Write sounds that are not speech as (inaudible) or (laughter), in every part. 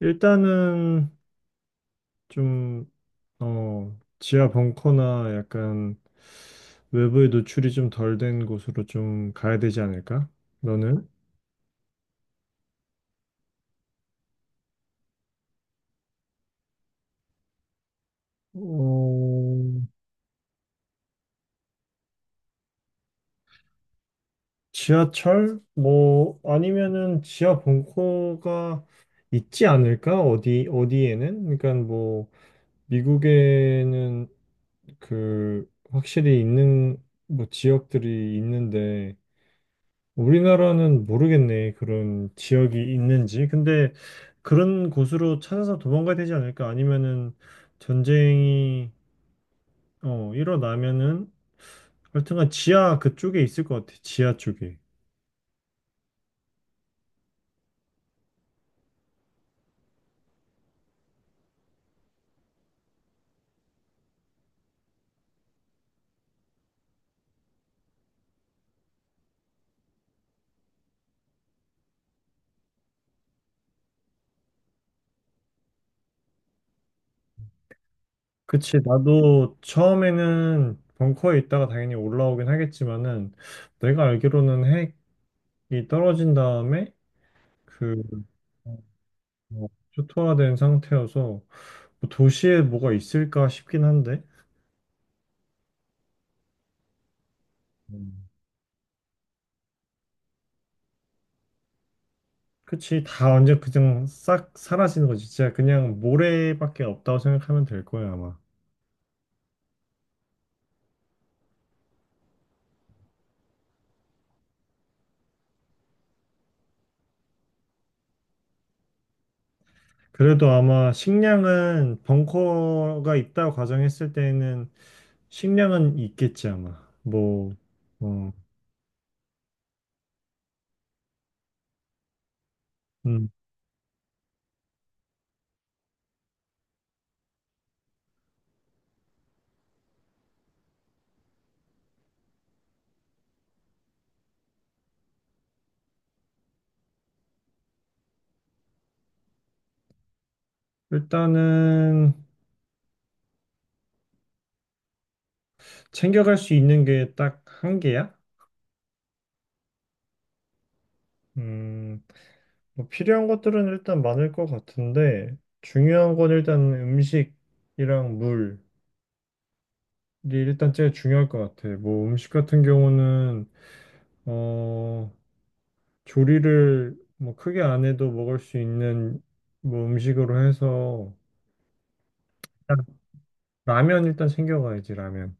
일단은 좀, 지하 벙커나 약간 외부에 노출이 좀 덜 된 곳으로 좀 가야 되지 않을까? 너는? 어, 지하철? 뭐, 아니면은 지하 벙커가 있지 않을까? 어디, 어디에는? 그러니까 뭐, 미국에는 그, 확실히 있는, 뭐, 지역들이 있는데, 우리나라는 모르겠네. 그런 지역이 있는지. 근데 그런 곳으로 찾아서 도망가야 되지 않을까? 아니면은 전쟁이 일어나면은 하여튼간 지하 그쪽에 있을 것 같아. 지하 쪽에. 그치. 나도 처음에는 벙커에 있다가 당연히 올라오긴 하겠지만은 내가 알기로는 핵이 떨어진 다음에 그 어, 어, 초토화된 상태여서 뭐 도시에 뭐가 있을까 싶긴 한데. 음. 그치, 다 완전 그냥 싹 사라지는 거지. 진짜 그냥 모래밖에 없다고 생각하면 될 거야, 아마. 그래도 아마 식량은 벙커가 있다고 가정했을 때는 식량은 있겠지, 아마. 뭐, 어, 음. 일단은 챙겨갈 수 있는 게 딱 한 개야? 음, 뭐 필요한 것들은 일단 많을 것 같은데, 중요한 건 일단 음식이랑 물이 일단 제일 중요할 것 같아. 뭐 음식 같은 경우는 어, 조리를 뭐 크게 안 해도 먹을 수 있는 뭐 음식으로 해서 일단 라면 일단 챙겨가야지 라면.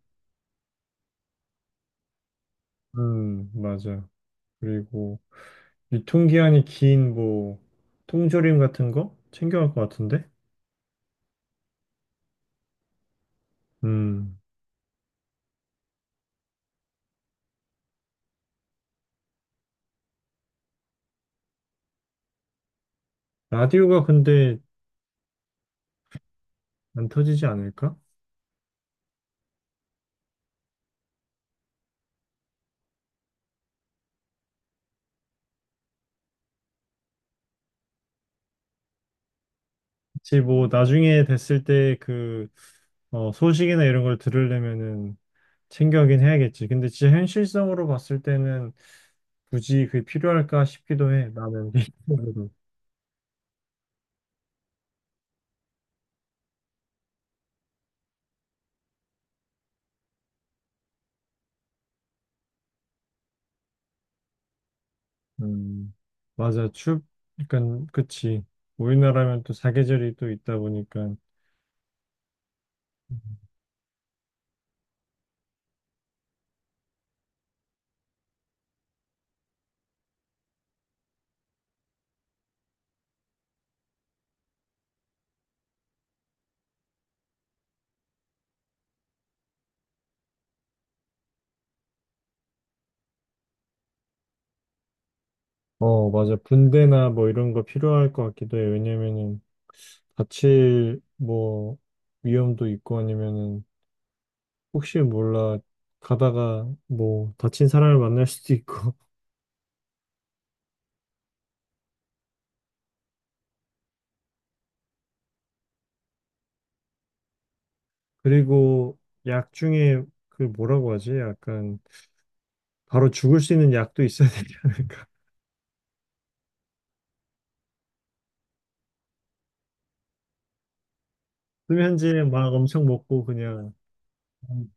맞아. 그리고 유통기한이 긴 뭐 통조림 같은 거 챙겨갈 것 같은데. 음, 라디오가 근데 안 터지지 않을까? 혹시 뭐 나중에 됐을 때 그 소식이나 이런 걸 들으려면은 챙겨가긴 해야겠지. 근데 진짜 현실성으로 봤을 때는 굳이 그게 필요할까 싶기도 해. 나는 (laughs) 개인적으로. 음, 맞아. 그러니까 그치. 우리나라면 또 사계절이 또 있다 보니까 어 맞아. 분대나 뭐 이런 거 필요할 것 같기도 해. 왜냐면은 다칠 뭐 위험도 있고 아니면은 혹시 몰라 가다가 뭐 다친 사람을 만날 수도 있고 (laughs) 그리고 약 중에 그 뭐라고 하지? 약간 바로 죽을 수 있는 약도 있어야 되지 않을까? (laughs) 수면제 막 엄청 먹고 그냥 음.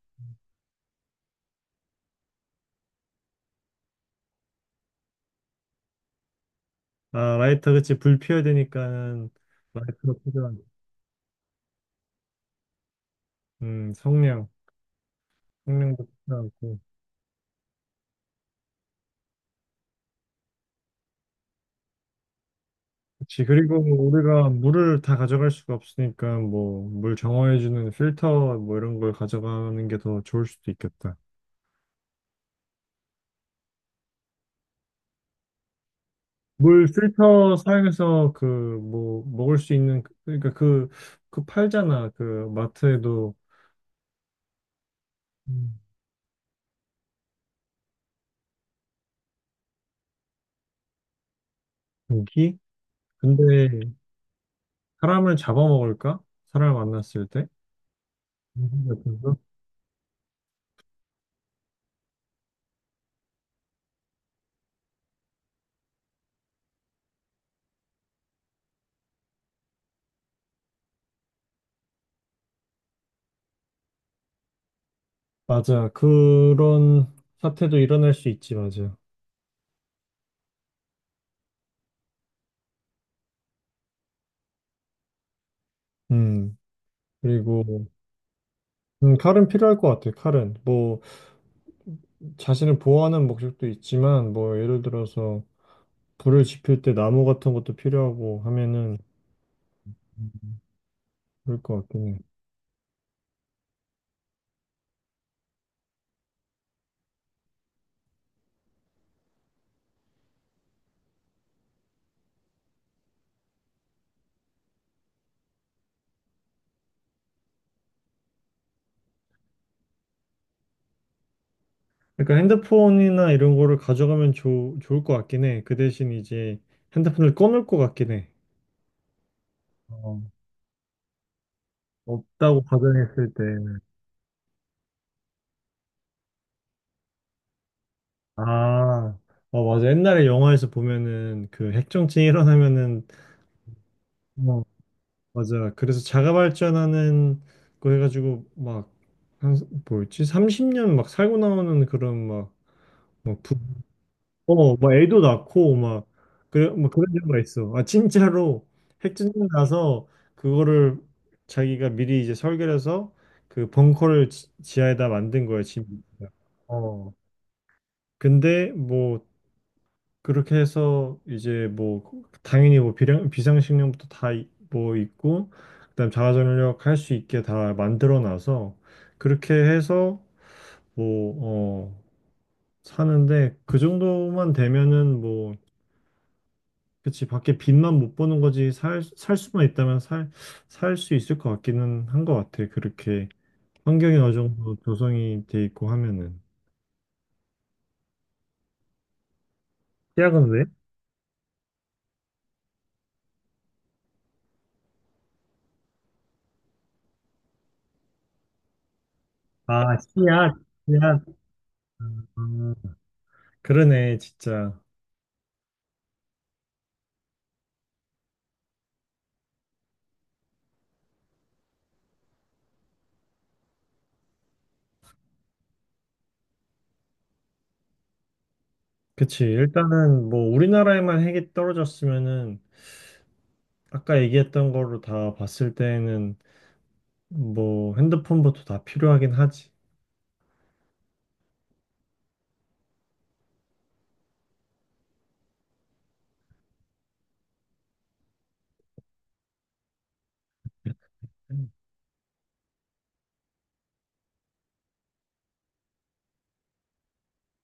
아 라이터 그치 불 피워야 되니까는 라이터가 필요한 음 성냥 성냥도 필요하고 그치 그리고 뭐 우리가 물을 다 가져갈 수가 없으니까 뭐 물 정화해주는 필터 뭐 이런 걸 가져가는 게 더 좋을 수도 있겠다. 물 필터 사용해서 그 뭐 먹을 수 있는 그러니까 그 팔잖아 그 마트에도 음. 고기? 근데 사람을 잡아먹을까? 사람을 만났을 때? 무슨 생각인가? 맞아. 그런 사태도 일어날 수 있지, 맞아. 음. 그리고, 칼은 필요할 것 같아, 칼은. 뭐, 자신을 보호하는 목적도 있지만, 뭐, 예를 들어서, 불을 지필 때 나무 같은 것도 필요하고 하면은, 그럴 것 같긴 해. 그러니까 핸드폰이나 이런 거를 가져가면 좋 좋을 것 같긴 해. 그 대신 이제 핸드폰을 꺼놓을 것 같긴 해. 어, 없다고 가정했을 때. 아, 맞아. 옛날에 영화에서 보면은 그 핵정쟁이 일어나면은, 어, 맞아. 그래서 자가발전하는 거 해가지고 막, 한, 뭐였지? 30년 막 살고 나오는 그런 막, 막 부, 막 애도 낳고 막, 그래, 뭐 그런 경우가 있어. 아, 진짜로 핵전쟁 나서 그거를 자기가 미리 이제 설계를 해서 그 벙커를 하에다 만든 거야, 집. 어. 근데 뭐 그렇게 해서 이제 뭐 당연히 뭐 비상식량부터 다 뭐 있고 그다음 자가전력 할 수 있게 다 만들어 놔서 그렇게 해서 뭐 어 사는데 그 정도만 되면은 뭐 그치 밖에 빚만 못 버는 거지 살 수만 있다면 살 수 있을 것 같기는 한 것 같아 그렇게 환경이 어느 정도 조성이 돼 있고 하면은 씨앗은 왜? 아 씨앗 음, 그러네 진짜 그치. 일단은 뭐 우리나라에만 핵이 떨어졌으면은 아까 얘기했던 거로 다 봤을 때에는 뭐 핸드폰부터 다 필요하긴 하지.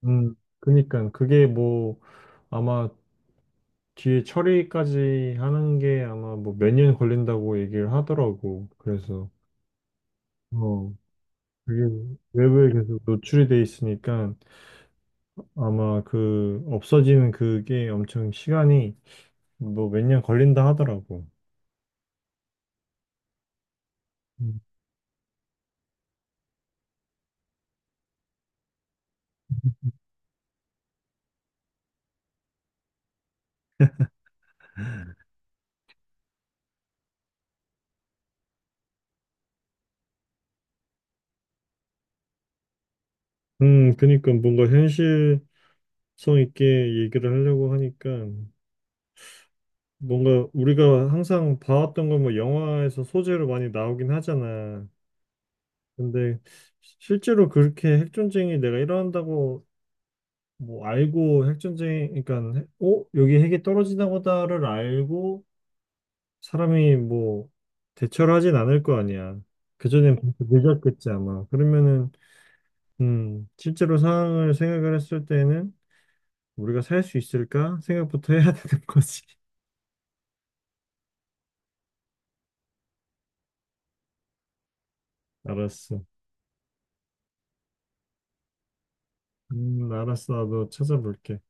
음, 그니까 그게 뭐 아마 뒤에 처리까지 하는 게 아마 뭐 몇 년 걸린다고 얘기를 하더라고. 그래서 어, 그게 외부에 계속 노출이 돼 있으니까 아마 그 없어지는 그게 엄청 시간이 뭐 몇 년 걸린다 하더라고. 음, 그니까 뭔가 성 있게 얘기를 하려고 하니까 뭔가 우리가 항상 봐왔던 건 뭐 영화에서 소재로 많이 나오긴 하잖아. 근데 실제로 그렇게 핵전쟁이 내가 일어난다고 뭐 알고 핵전쟁, 그러니까 어? 여기 핵이 떨어지나 보다를 알고 사람이 뭐 대처를 하진 않을 거 아니야. 그전엔 벌써 늦었겠지 아마. 그러면은 실제로 상황을 생각을 했을 때는 우리가 살 수 있을까 생각부터 해야 되는 거지. (laughs) 알았어. 알았어. 나도 찾아볼게.